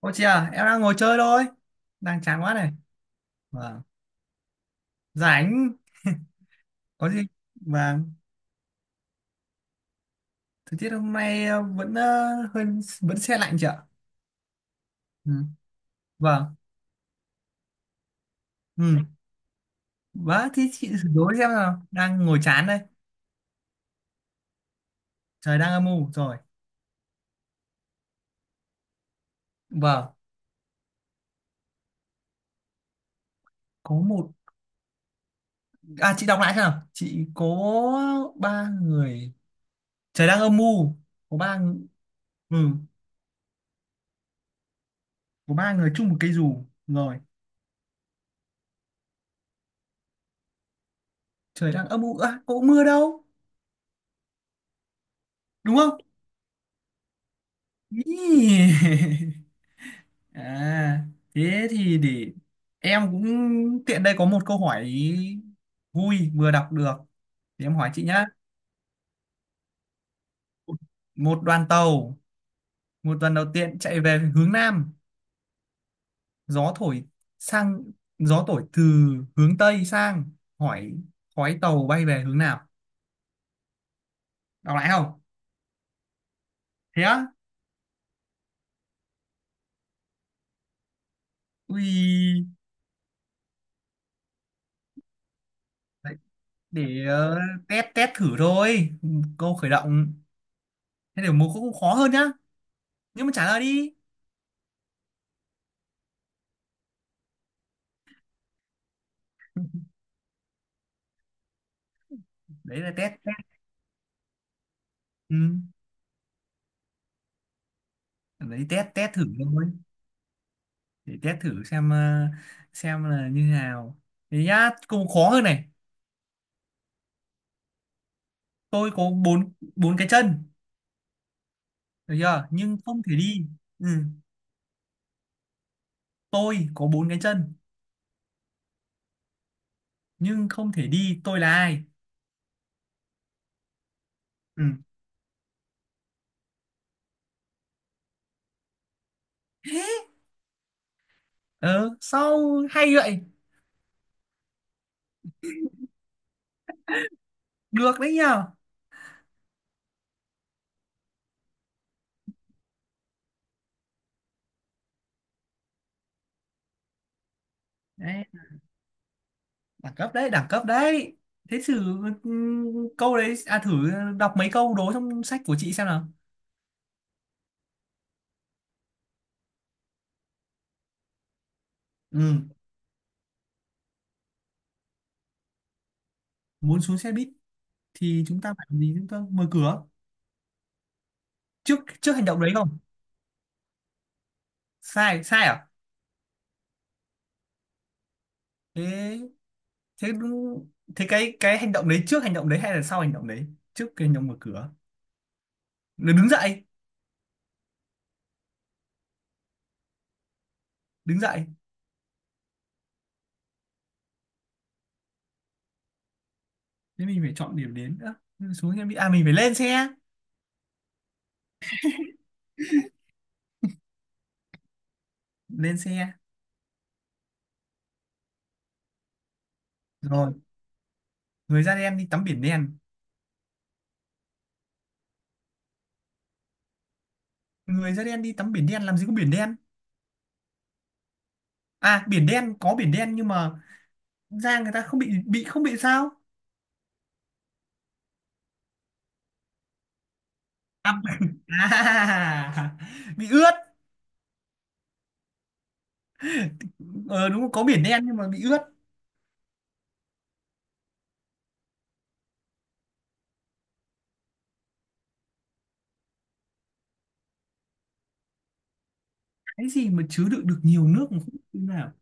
Ô chị à, em đang ngồi chơi thôi. Đang chán quá này. Vâng. Rảnh. Có gì? Vâng. Thời tiết hôm nay vẫn hơi vẫn se lạnh chị ạ. Ừ. Vâng. Ừ. Vâng, thì chị thử đố xem nào. Đang ngồi chán đây. Trời đang âm u rồi. Vâng. Có một... À chị đọc lại xem nào. Chị có ba người... Trời đang âm u. Có ba... ng- Ừ. Có ba người chung một cây dù. Rồi. Trời đang âm u. À, có mưa đâu. Đúng không? Ý. À, thế thì để em cũng tiện đây có một câu hỏi vui vừa đọc được. Thì em hỏi chị nhá. Một đoàn tàu, một đoàn đầu tiên chạy về hướng Nam, gió thổi sang gió thổi từ hướng Tây sang, hỏi khói tàu bay về hướng nào? Đọc lại không? Thế á? Ui, đấy, để test test thử thôi. Câu khởi động. Thế để một câu cũng khó hơn nhá. Nhưng mà trả lời đi. Đấy là test test. Ừ. Đấy test test thử thôi, để test thử xem là như thế nào, thế nhá, cũng khó hơn này. Tôi có bốn bốn cái chân, được chưa, nhưng không thể đi. Ừ. Tôi có bốn cái chân nhưng không thể đi. Tôi là ai? Ừ. ờ Sau hay vậy. Được đấy nhờ. Đấy, đẳng cấp đấy, đẳng cấp đấy. Thế thử, ừ, câu đấy à, thử đọc mấy câu đố trong sách của chị xem nào. Ừ. Muốn xuống xe buýt thì chúng ta phải làm gì? Chúng ta mở cửa trước, trước hành động đấy không? Sai sai à? Thế thế đúng. Thế cái hành động đấy trước hành động đấy hay là sau hành động đấy? Trước cái hành động mở cửa. Rồi đứng dậy. Đứng dậy. Thế mình phải chọn điểm đến nữa. Nhưng mà xuống, em đi à, mình phải lên xe. Lên xe rồi. Người da đen đi tắm biển đen. Người da đen đi tắm biển đen, làm gì có biển đen. À biển đen, có biển đen nhưng mà da người ta không bị không bị sao. À, à, bị ướt. Ờ Đúng rồi, có biển đen nhưng mà bị ướt. Cái gì mà chứa đựng được nhiều nước mà không biết thế nào?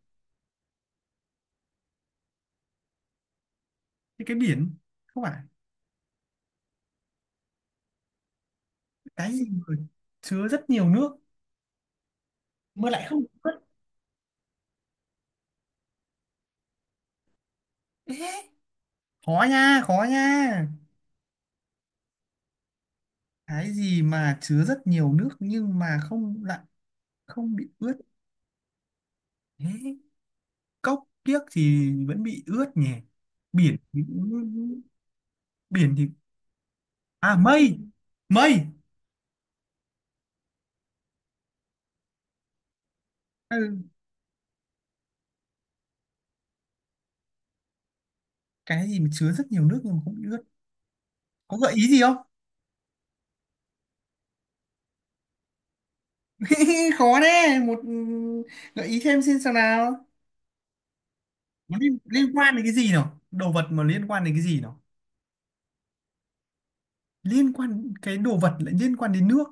Thế cái biển. Không phải. Cái gì mà chứa rất nhiều nước mà lại không có nước? Ê, khó nha khó nha. Cái gì mà chứa rất nhiều nước nhưng mà không, lại không bị ướt? Ê, cốc kiếc thì vẫn bị ướt nhỉ. biển thì- Biển thì... À mây mây Ừ. Cái gì mà chứa rất nhiều nước nhưng mà không bị ướt? Có gợi ý gì không? Khó đấy. Một gợi ý thêm, xin sao nào. Nó liên quan đến cái gì nào? Đồ vật mà liên quan đến cái gì nào? Liên quan, cái đồ vật lại liên quan đến nước.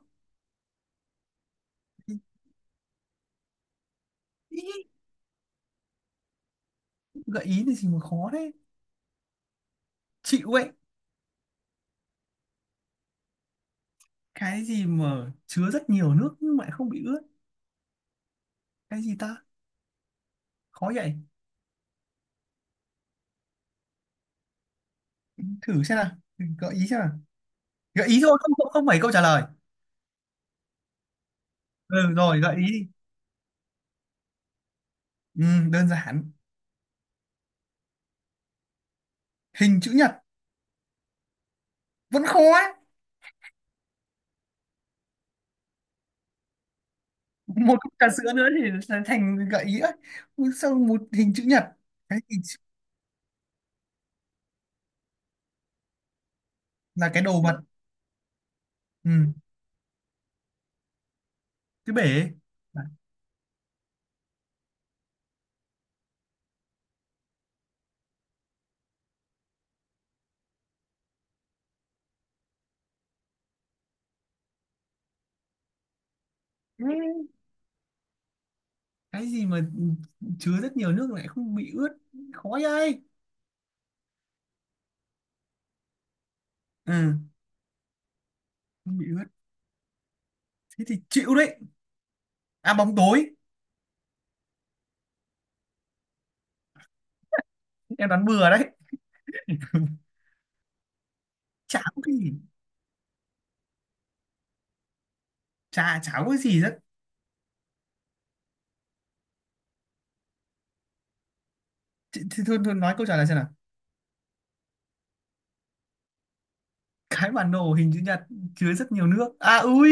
Ý, gợi ý thì gì mà khó thế. Chịu ấy. Cái gì mà chứa rất nhiều nước nhưng mà lại không bị ướt? Cái gì ta, khó vậy. Thử xem nào, gợi ý xem nào. Gợi ý thôi, không, không, không phải câu trả lời. Ừ rồi, gợi ý đi. Ừ, đơn giản. Hình chữ nhật. Vẫn khó ấy. Một cốc trà sữa nữa thì sẽ thành gợi ý ấy. Ui, sao một hình chữ nhật. Cái gì? Là cái đồ vật, ừ, cái bể. Ừ, cái gì mà chứa rất nhiều nước lại không bị ướt, khó vậy. Ừ, không bị ướt, thế thì chịu đấy. À bóng tối, em đoán bừa đấy. Chả có cái gì. Chả chả có cái gì rất... Thì thôi, thôi nói câu trả lời xem nào. Cái bản đồ hình chữ nhật chứa rất nhiều nước à, ui.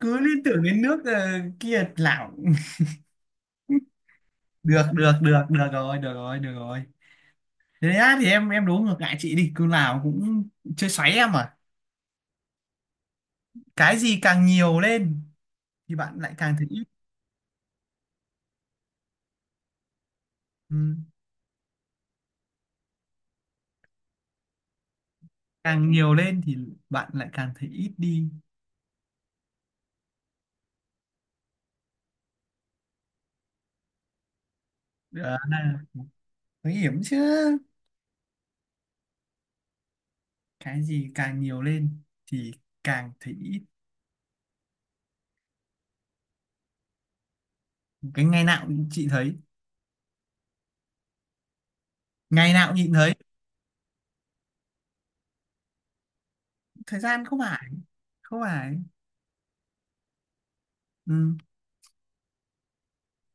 Cứ liên tưởng đến nước, kia lảo. Được được được, được rồi, được rồi, được rồi. Thế á, thì em đố ngược lại chị đi, cứ nào cũng chơi xoáy em à. Cái gì càng nhiều lên thì bạn lại càng thấy ít? Ừ. Càng nhiều lên thì bạn lại càng thấy ít đi. Đó là nguy hiểm chứ. Cái gì càng nhiều lên thì càng thấy ít? Cái ngày nào cũng chị thấy, ngày nào cũng nhìn thấy. Thời gian không phải, không phải. Ừ.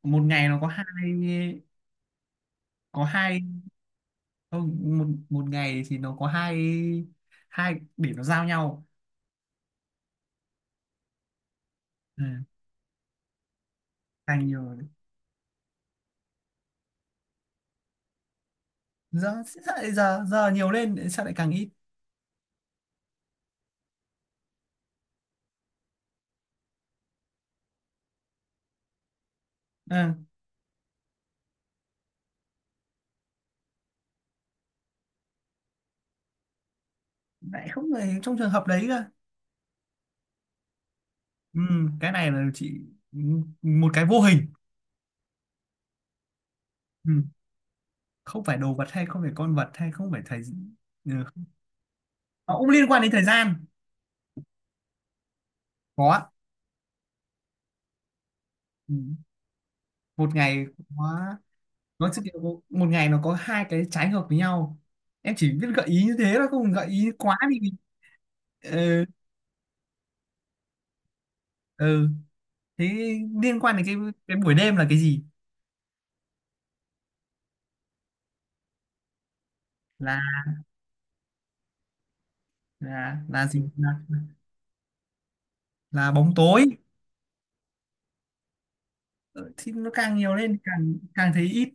Một ngày nó có hai, có hai. Không, một một ngày thì nó có hai, hai để nó giao nhau. Ừ. Càng nhiều giờ, giờ nhiều lên sao lại càng ít? Ừ. Lại không phải trong trường hợp đấy cơ. Ừ, cái này là chị, một cái vô hình. Ừ. Không phải đồ vật hay không phải con vật hay không phải thời... Ừ. Nó cũng liên quan đến thời gian. Có ạ. Ừ. Một ngày có, nó chỉ kiểu một một ngày nó có hai cái trái ngược với nhau. Em chỉ biết gợi ý như thế thôi, không gợi ý quá thì... Ừ. Ừ. Thế liên quan đến cái buổi đêm là cái gì? Là là là gì, là bóng tối. Ừ, thì nó càng nhiều lên càng càng thấy ít.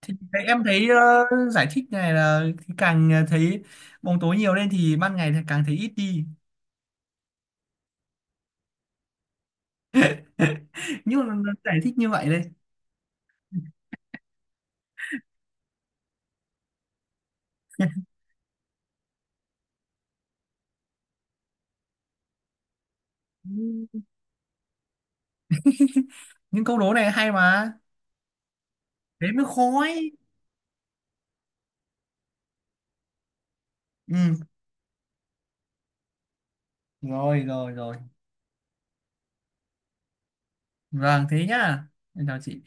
Em thấy, giải thích này là càng thấy bóng tối nhiều lên thì ban ngày thì càng thấy ít đi. Nhưng mà giải thích như vậy đây. Những câu đố này hay mà. Thế mới khó ấy. Ừ. Rồi rồi rồi. Vâng thế nhá, em chào chị.